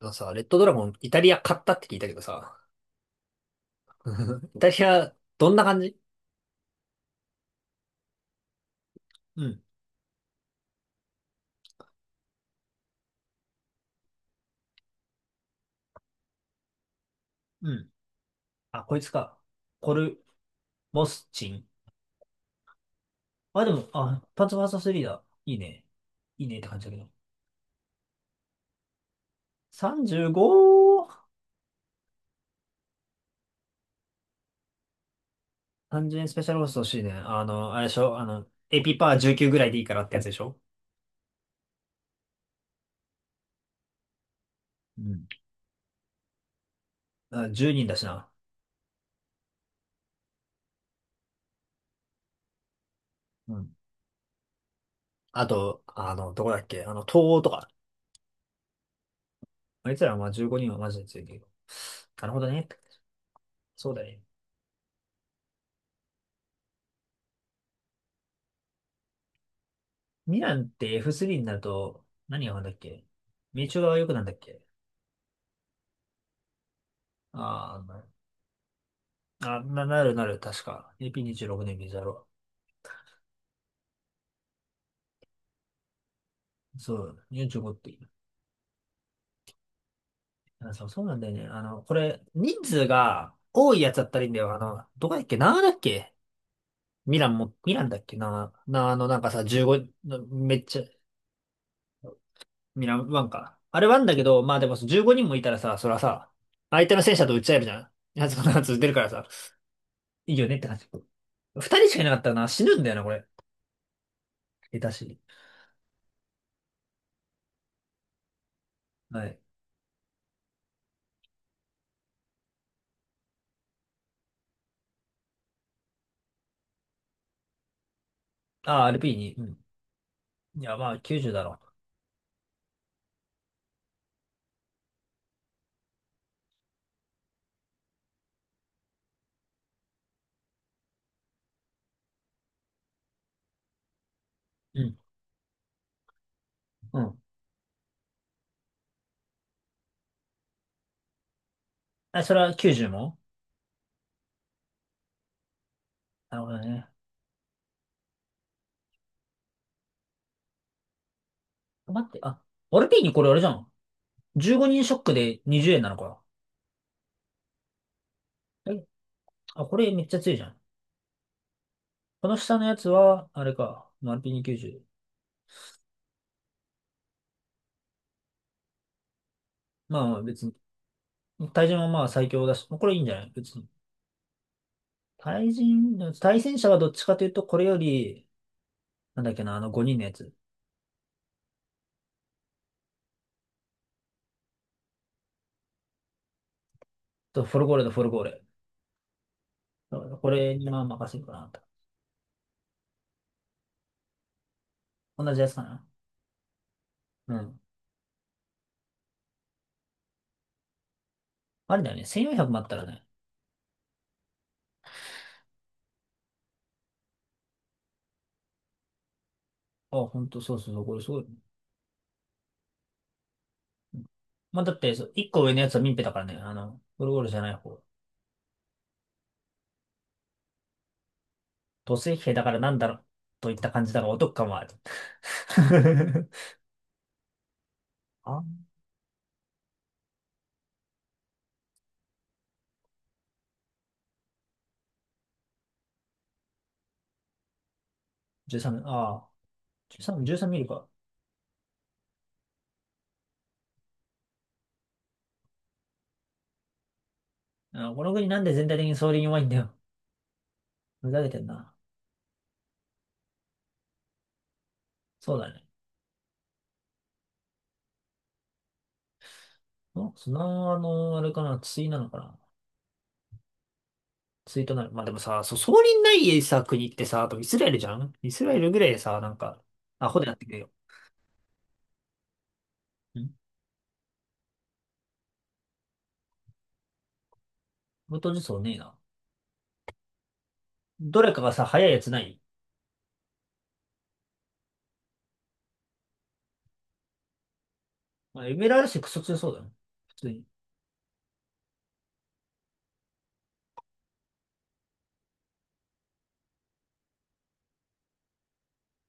あのさ、レッドドラゴン、イタリア買ったって聞いたけどさ、イタリア、どんな感じ？うん、うん。あ、こいつか。コル、モスチン。あ、でも、あ、パンツァーサ3だ。いいね。いいねって感じだけど。35! 30円スペシャルホースト欲しいね。あれでしょエピパー19ぐらいでいいからってやつでしょ？うん、あ、10人だしな。うん。あと、どこだっけ東欧とか。あいつらはまあ15人はマジで強いけど。なるほどね。そうだね。ミランって F3 になると、何がなんだっけ？名称が良くなんだっけ？あーああ、なるなる、確か。AP26 年ビザロ。そう、45っていう。あ、そう、そうなんだよね。これ、人数が多いやつだったらいいんだよ。どこだっけなだっけ、ミランも、ミランだっけなななんかさ、15、めっちゃ、ミランワンか。あれワンだけど、まあでも15人もいたらさ、そらさ、相手の戦車と撃っち合えるじゃん。やつこのやつ出るからさ、いいよねって感じ。2人しかいなかったらな、死ぬんだよな、これ。下手しに。はい。あ、r p ニ、うん。いや、まあ、90だろう。うん。うん。あ、それは90も。なるほどね。待って、あ、r p ニこれあれじゃん。15人ショックで20円なのか。え、あ、これめっちゃ強いじゃん。この下のやつは、あれか。RP2 90。まあまあ別に。対人はまあ最強だし、これいいんじゃない？別に。対人、対戦者はどっちかというと、これより、なんだっけな、あの5人のやつ。と、フォルゴーレとフォルゴーレ。これにまあ任せるかなと。同じやつかな。うん。あれだよね。1400もあったらね。あ、ほんと、そうそうそう、これすごい。うん。まあ、だって、そう、1個上のやつは民兵だからね。ゴロゴロじゃない方。土星兵だからなんだろう。といった感じだからお得感はある。あ、13、ああ、13、13ミリか。あ、この国なんで全体的に総理に弱いんだよ。ふざけてんな。そうだね。あ、あれかな、対なのかな。対となる。まあ、でもさ、そう、総理ないさ、国ってさ、あとイスラエルじゃん、イスラエルぐらいさ、なんか、アホでやってくれよ。ん元そうねえな。どれかがさ、早いやつない？まあエメラルシクソ強そうだな。普通に。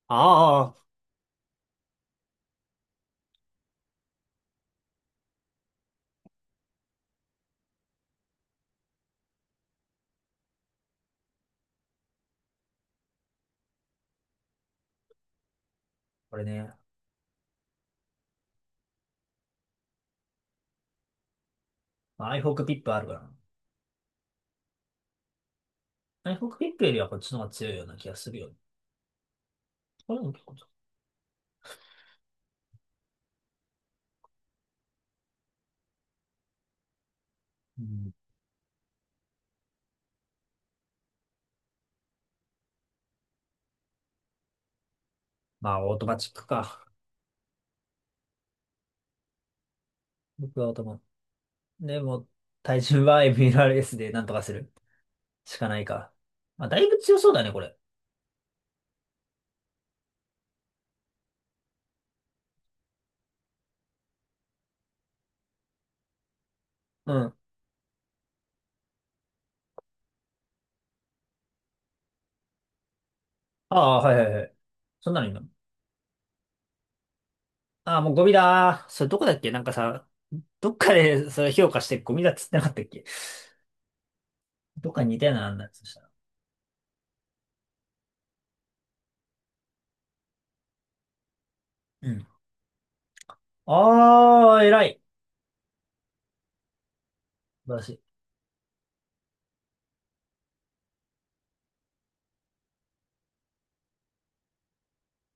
ああ、これね、まあアイホークピップあるから。アイホークピップよりはこっちの方が強いような気がするよ。これも結構強い。うん。まあ、オートマチックか。僕はオートマ。でも、体重は MLRS でなんとかするしかないか。まあ、だいぶ強そうだね、これ。うん。ああ、はいはいはい。そんなの今。ああ、もうゴミだー。それどこだっけ？なんかさ、どっかでそれ評価してゴミだっつってなかったっけ？どっかに似たようなのあんだつそしたら。うん。ああ、偉い。素晴らしい。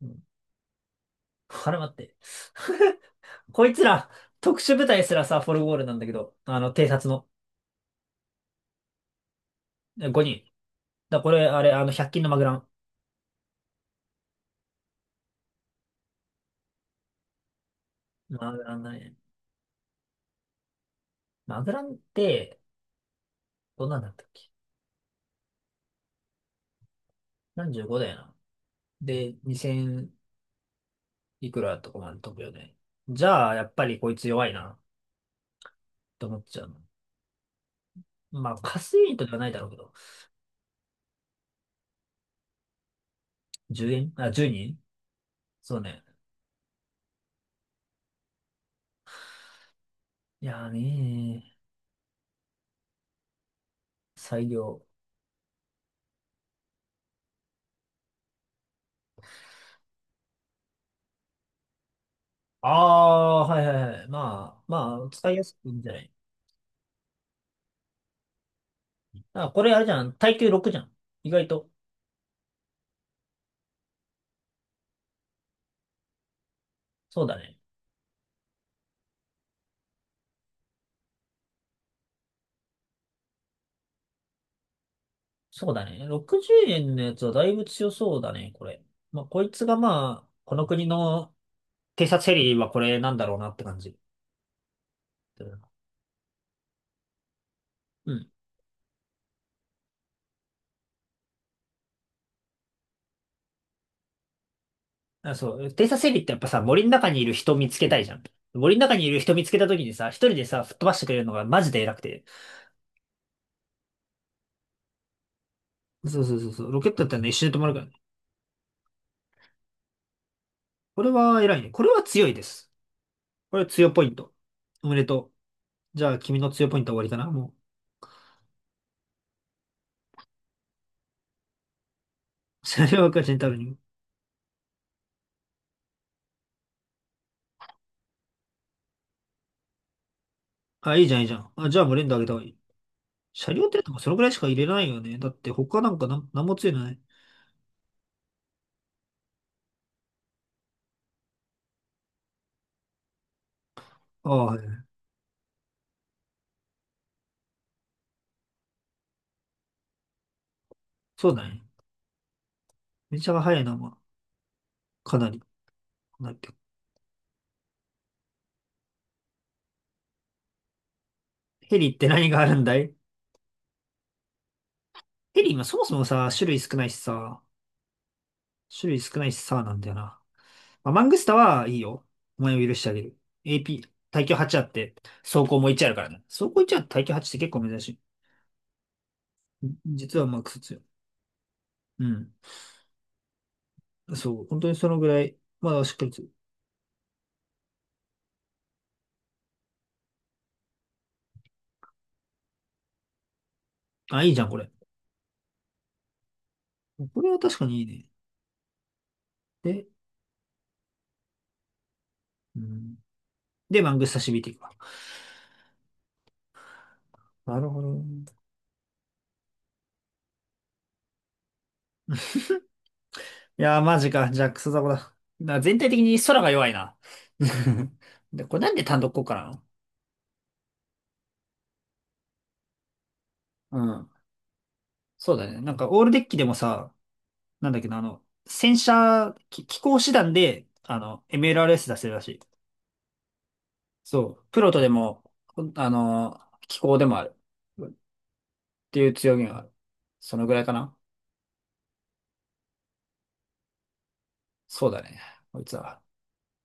うん。あれ待って。こいつら、特殊部隊すらさ、フォルゴールなんだけど、偵察の5人。だ、これ、あれ、100均のマグラン。マグランだね。マグランって、どんなんだったっけ？15だよな。で、2000いくらとかまで飛ぶよね。じゃあ、やっぱりこいつ弱いな、と思っちゃうの。まあ、カスユニットではないだろうけど。10円、あ、10人。そうね。いやーねー、最良。ああ、はいはいはい。まあ、まあ、使いやすくていいんじゃない？あ、これあれじゃん。耐久6じゃん。意外と。そうだね。そうだね。60円のやつはだいぶ強そうだね、これ。まあ、こいつがまあ、この国の偵察ヘリはこれなんだろうなって感じ。うん。あ、そう。偵察ヘリってやっぱさ、森の中にいる人見つけたいじゃん。森の中にいる人見つけた時にさ、一人でさ、吹っ飛ばしてくれるのがマジで偉くて。そうそうそうそう。ロケットだったらね、一瞬で止まるからね。これは偉いね。これは強いです。これは強ポイント。おめでとう。じゃあ、君の強いポイントは終わりかな、もう。車両赤字にたるに。あ、いいじゃん、いいじゃん。あ、じゃあもう連打あげた方がいい。車両ってとかそのぐらいしか入れないよね。だって他なんも強いのない。ああ、はい。そうだね。電車が速いな、まあ、かなり。なんだっけ？ヘリって何があるんだい？ヘリ今そもそもさ、種類少ないしさ、種類少ないしさ、なんだよな。まあ、マングスタはいいよ。お前を許してあげる。AP、耐久8あって、走行も1あるからね。走行1あって耐久8って結構珍しい。実はマックス強い。うん。そう、本当にそのぐらい、まあしっかりつ、あ、いいじゃん、これ。これは確かにいいね。で、うん。で、マングス刺身っていくわ。なるほど。いやー、マジか。じゃあ、クソザコだ。な、全体的に空が弱いな。で、これなんで単独効果なの？うん。そうだね。なんか、オールデッキでもさ、なんだっけな、戦車、機甲師団で、MLRS 出せるらしい。そう。プロトでも、ほんあの、機甲でもある。っていう強みがある。そのぐらいかな。そうだね。こいつは。